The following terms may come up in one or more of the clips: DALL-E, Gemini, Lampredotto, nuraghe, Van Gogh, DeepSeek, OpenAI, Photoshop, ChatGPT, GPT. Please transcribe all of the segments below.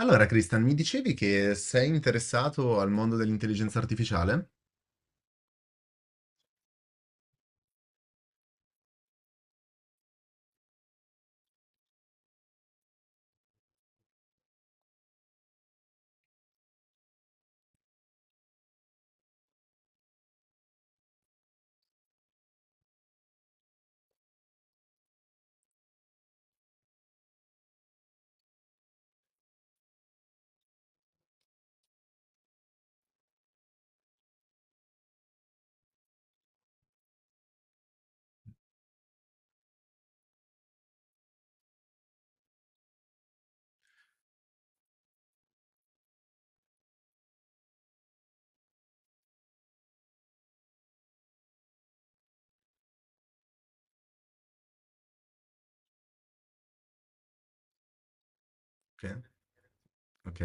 Allora, Christian, mi dicevi che sei interessato al mondo dell'intelligenza artificiale? Ok, ok.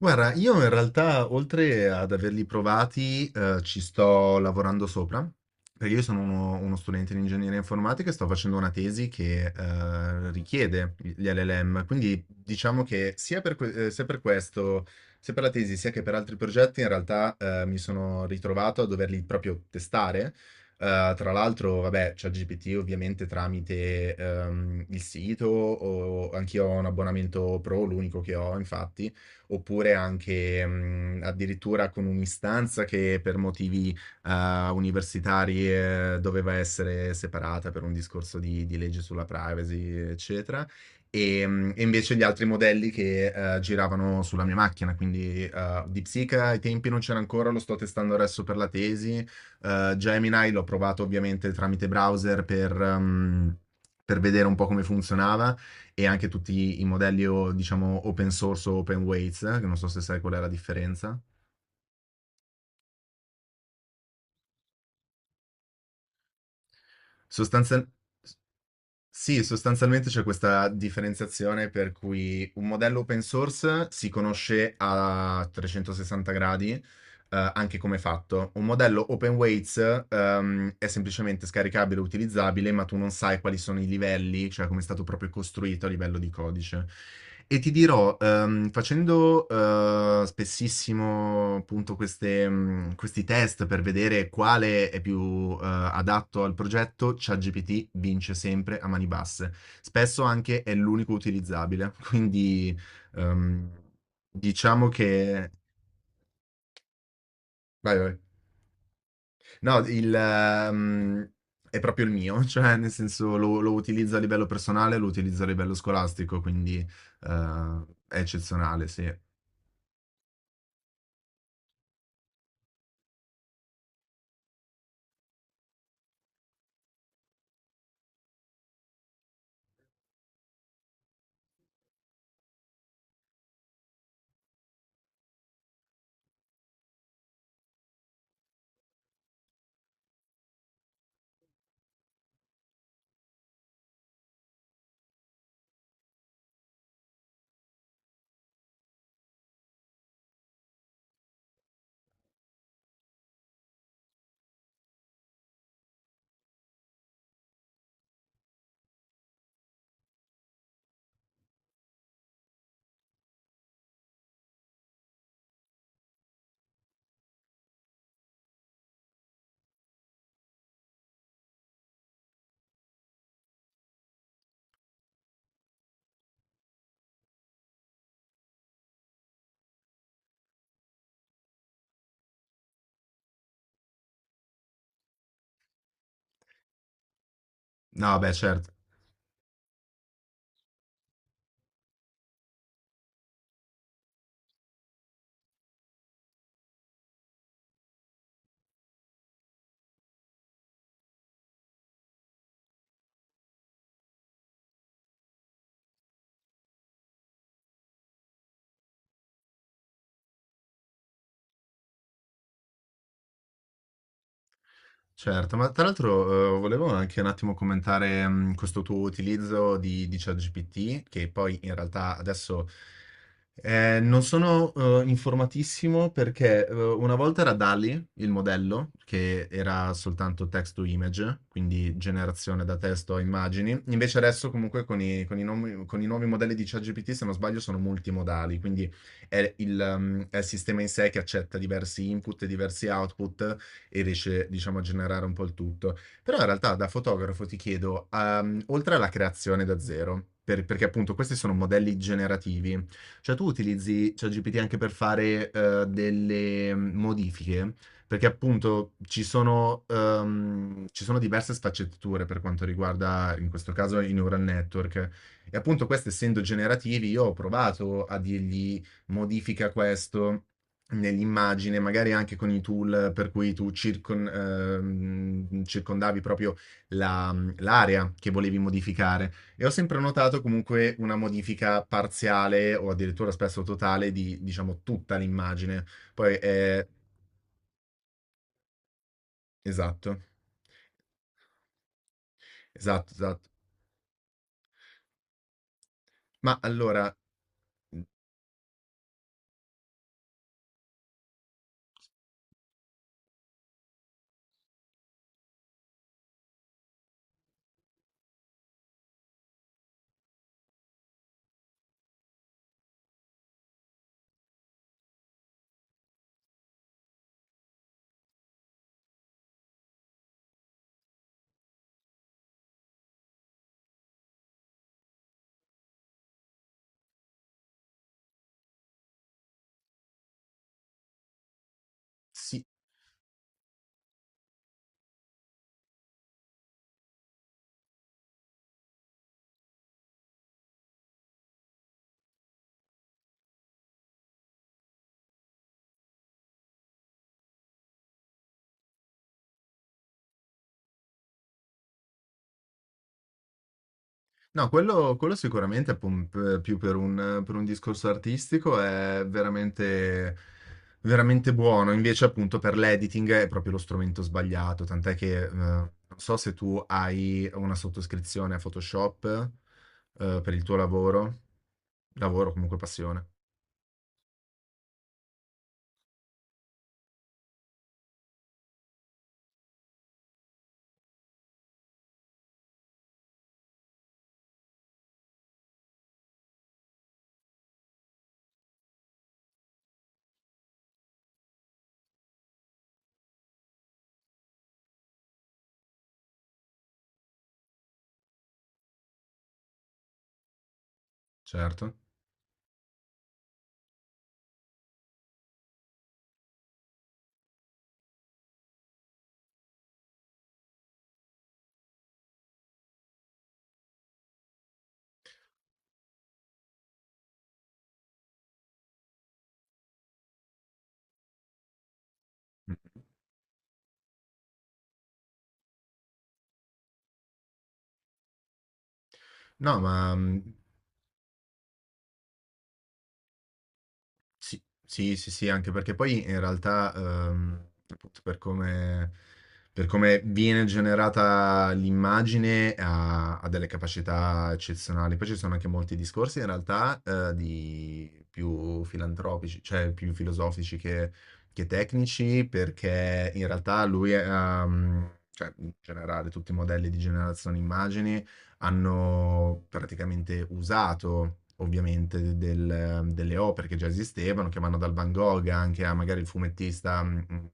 Guarda, io in realtà oltre ad averli provati, ci sto lavorando sopra, perché io sono uno studente di ingegneria informatica e sto facendo una tesi che richiede gli LLM, quindi diciamo che sia per, sia per questo, sia per la tesi, sia che per altri progetti, in realtà mi sono ritrovato a doverli proprio testare. Tra l'altro, vabbè, c'è GPT ovviamente tramite il sito, o anch'io ho un abbonamento pro, l'unico che ho. Infatti oppure anche addirittura con un'istanza che per motivi universitari doveva essere separata per un discorso di legge sulla privacy, eccetera. E invece gli altri modelli che giravano sulla mia macchina, quindi DeepSeek ai tempi non c'era ancora, lo sto testando adesso per la tesi. Gemini l'ho provato ovviamente tramite browser per vedere un po' come funzionava e anche tutti i modelli o diciamo open source o open weights, che non so se sai qual è la differenza. Sostanzial- sì, sostanzialmente c'è questa differenziazione per cui un modello open source si conosce a 360 gradi anche come fatto. Un modello open weights è semplicemente scaricabile e utilizzabile, ma tu non sai quali sono i livelli, cioè come è stato proprio costruito a livello di codice. E ti dirò, facendo spessissimo appunto questi test per vedere quale è più adatto al progetto, ChatGPT vince sempre a mani basse. Spesso anche è l'unico utilizzabile, quindi ehm, diciamo che... Vai, vai. No, è proprio il mio, cioè nel senso lo utilizzo a livello personale, lo utilizzo a livello scolastico, quindi è eccezionale, sì. No, beh, certo. Certo, ma tra l'altro, volevo anche un attimo commentare, questo tuo utilizzo di ChatGPT, che poi in realtà adesso, non sono, informatissimo perché, una volta era DALL-E il modello, che era soltanto text to image, quindi generazione da testo a immagini, invece adesso comunque con i nomi con i nuovi modelli di ChatGPT, se non sbaglio, sono multimodali, quindi è il è il sistema in sé che accetta diversi input e diversi output e riesce, diciamo, a generare un po' il tutto. Però in realtà da fotografo ti chiedo, oltre alla creazione da zero, perché appunto questi sono modelli generativi, cioè tu utilizzi ChatGPT anche per fare modifiche, perché appunto ci sono diverse sfaccettature per quanto riguarda in questo caso i neural network. E appunto questi essendo generativi, io ho provato a dirgli modifica questo nell'immagine, magari anche con i tool per cui tu circondavi proprio l'area che volevi modificare. E ho sempre notato comunque una modifica parziale o addirittura spesso totale di, diciamo, tutta l'immagine. Poi è... Esatto, esatto, esatto. Ma allora, sì. No, quello sicuramente, pum p più per un discorso artistico è veramente veramente buono. Invece, appunto, per l'editing è proprio lo strumento sbagliato, tant'è che, non so se tu hai una sottoscrizione a Photoshop, per il tuo lavoro. Lavoro, comunque passione, certo. Mh. No, ma, mhmm Sì, sì, sì, sì, anche perché poi in realtà, appunto, per come viene generata l'immagine, ha delle capacità eccezionali. Poi ci sono anche molti discorsi, in realtà, di più filantropici, cioè più filosofici che tecnici, perché in realtà cioè in generale, tutti i modelli di generazione immagini hanno praticamente usato ovviamente delle opere che già esistevano, che vanno dal Van Gogh anche a magari il fumettista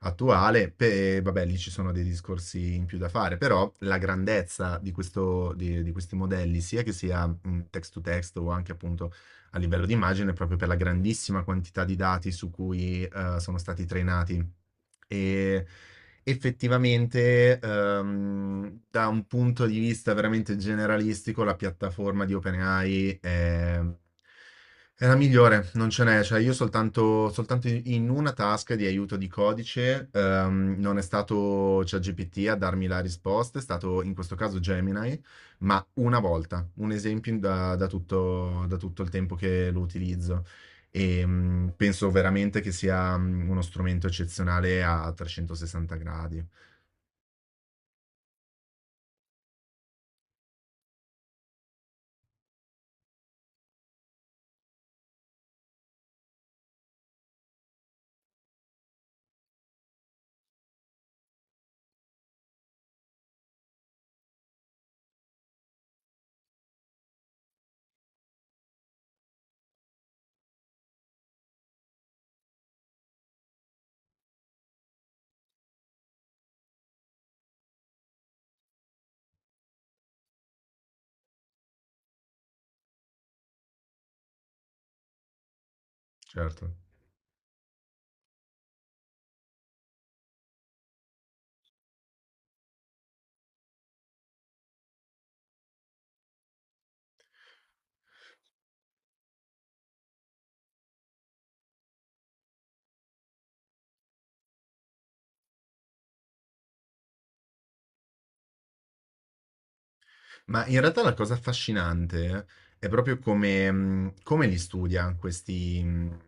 attuale, vabbè, lì ci sono dei discorsi in più da fare, però la grandezza di questo, di questi modelli, sia che sia text to text o anche appunto a livello di immagine, proprio per la grandissima quantità di dati su cui sono stati trainati. E effettivamente, da un punto di vista veramente generalistico, la piattaforma di OpenAI è la migliore, non ce n'è. Cioè, io soltanto in una task di aiuto di codice, non è stato ChatGPT a darmi la risposta, è stato in questo caso Gemini, ma una volta, un esempio da tutto il tempo che lo utilizzo. E penso veramente che sia uno strumento eccezionale a 360 gradi, certo. Ma in realtà la cosa affascinante è proprio come li studia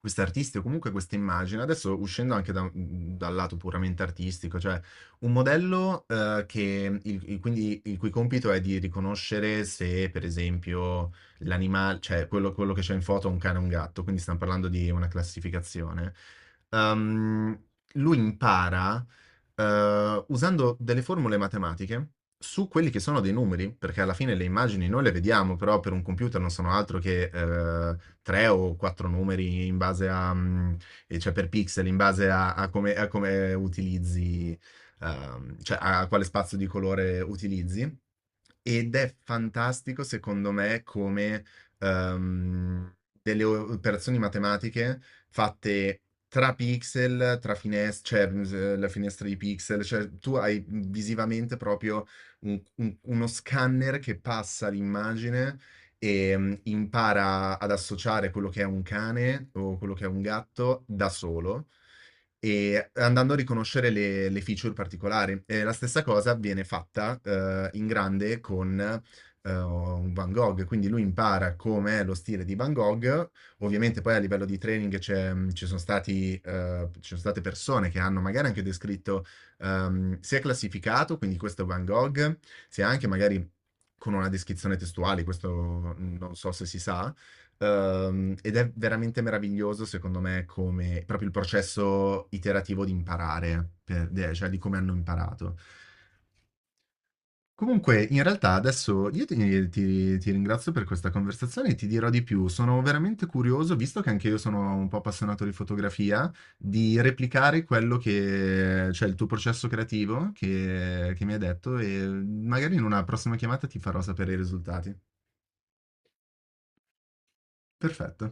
questi artisti o comunque queste immagini. Adesso uscendo anche dal lato puramente artistico, cioè un modello che quindi il cui compito è di riconoscere se, per esempio, l'animale, cioè quello che c'è in foto è un cane o un gatto, quindi stiamo parlando di una classificazione. Ehm, lui impara usando delle formule matematiche su quelli che sono dei numeri, perché alla fine le immagini noi le vediamo, però per un computer non sono altro che tre o quattro numeri in base a, e cioè per pixel, in base a, a come utilizzi, cioè a quale spazio di colore utilizzi. Ed è fantastico, secondo me, come ehm, delle operazioni matematiche fatte tra pixel, tra finestre, cioè la finestra di pixel, cioè tu hai visivamente proprio un- uno scanner che passa l'immagine e impara ad associare quello che è un cane o quello che è un gatto da solo e andando a riconoscere le feature particolari. E la stessa cosa viene fatta in grande con un Van Gogh, quindi lui impara com'è lo stile di Van Gogh. Ovviamente poi a livello di training ci sono stati, ci sono state persone che hanno magari anche descritto, si è classificato, quindi questo è Van Gogh, sia anche magari con una descrizione testuale, questo non so se si sa. Ed è veramente meraviglioso, secondo me, come proprio il processo iterativo di imparare, cioè di come hanno imparato. Comunque, in realtà adesso io ti ringrazio per questa conversazione e ti dirò di più. Sono veramente curioso, visto che anche io sono un po' appassionato di fotografia, di replicare quello che, cioè il tuo processo creativo che mi hai detto, e magari in una prossima chiamata ti farò sapere i risultati. Perfetto.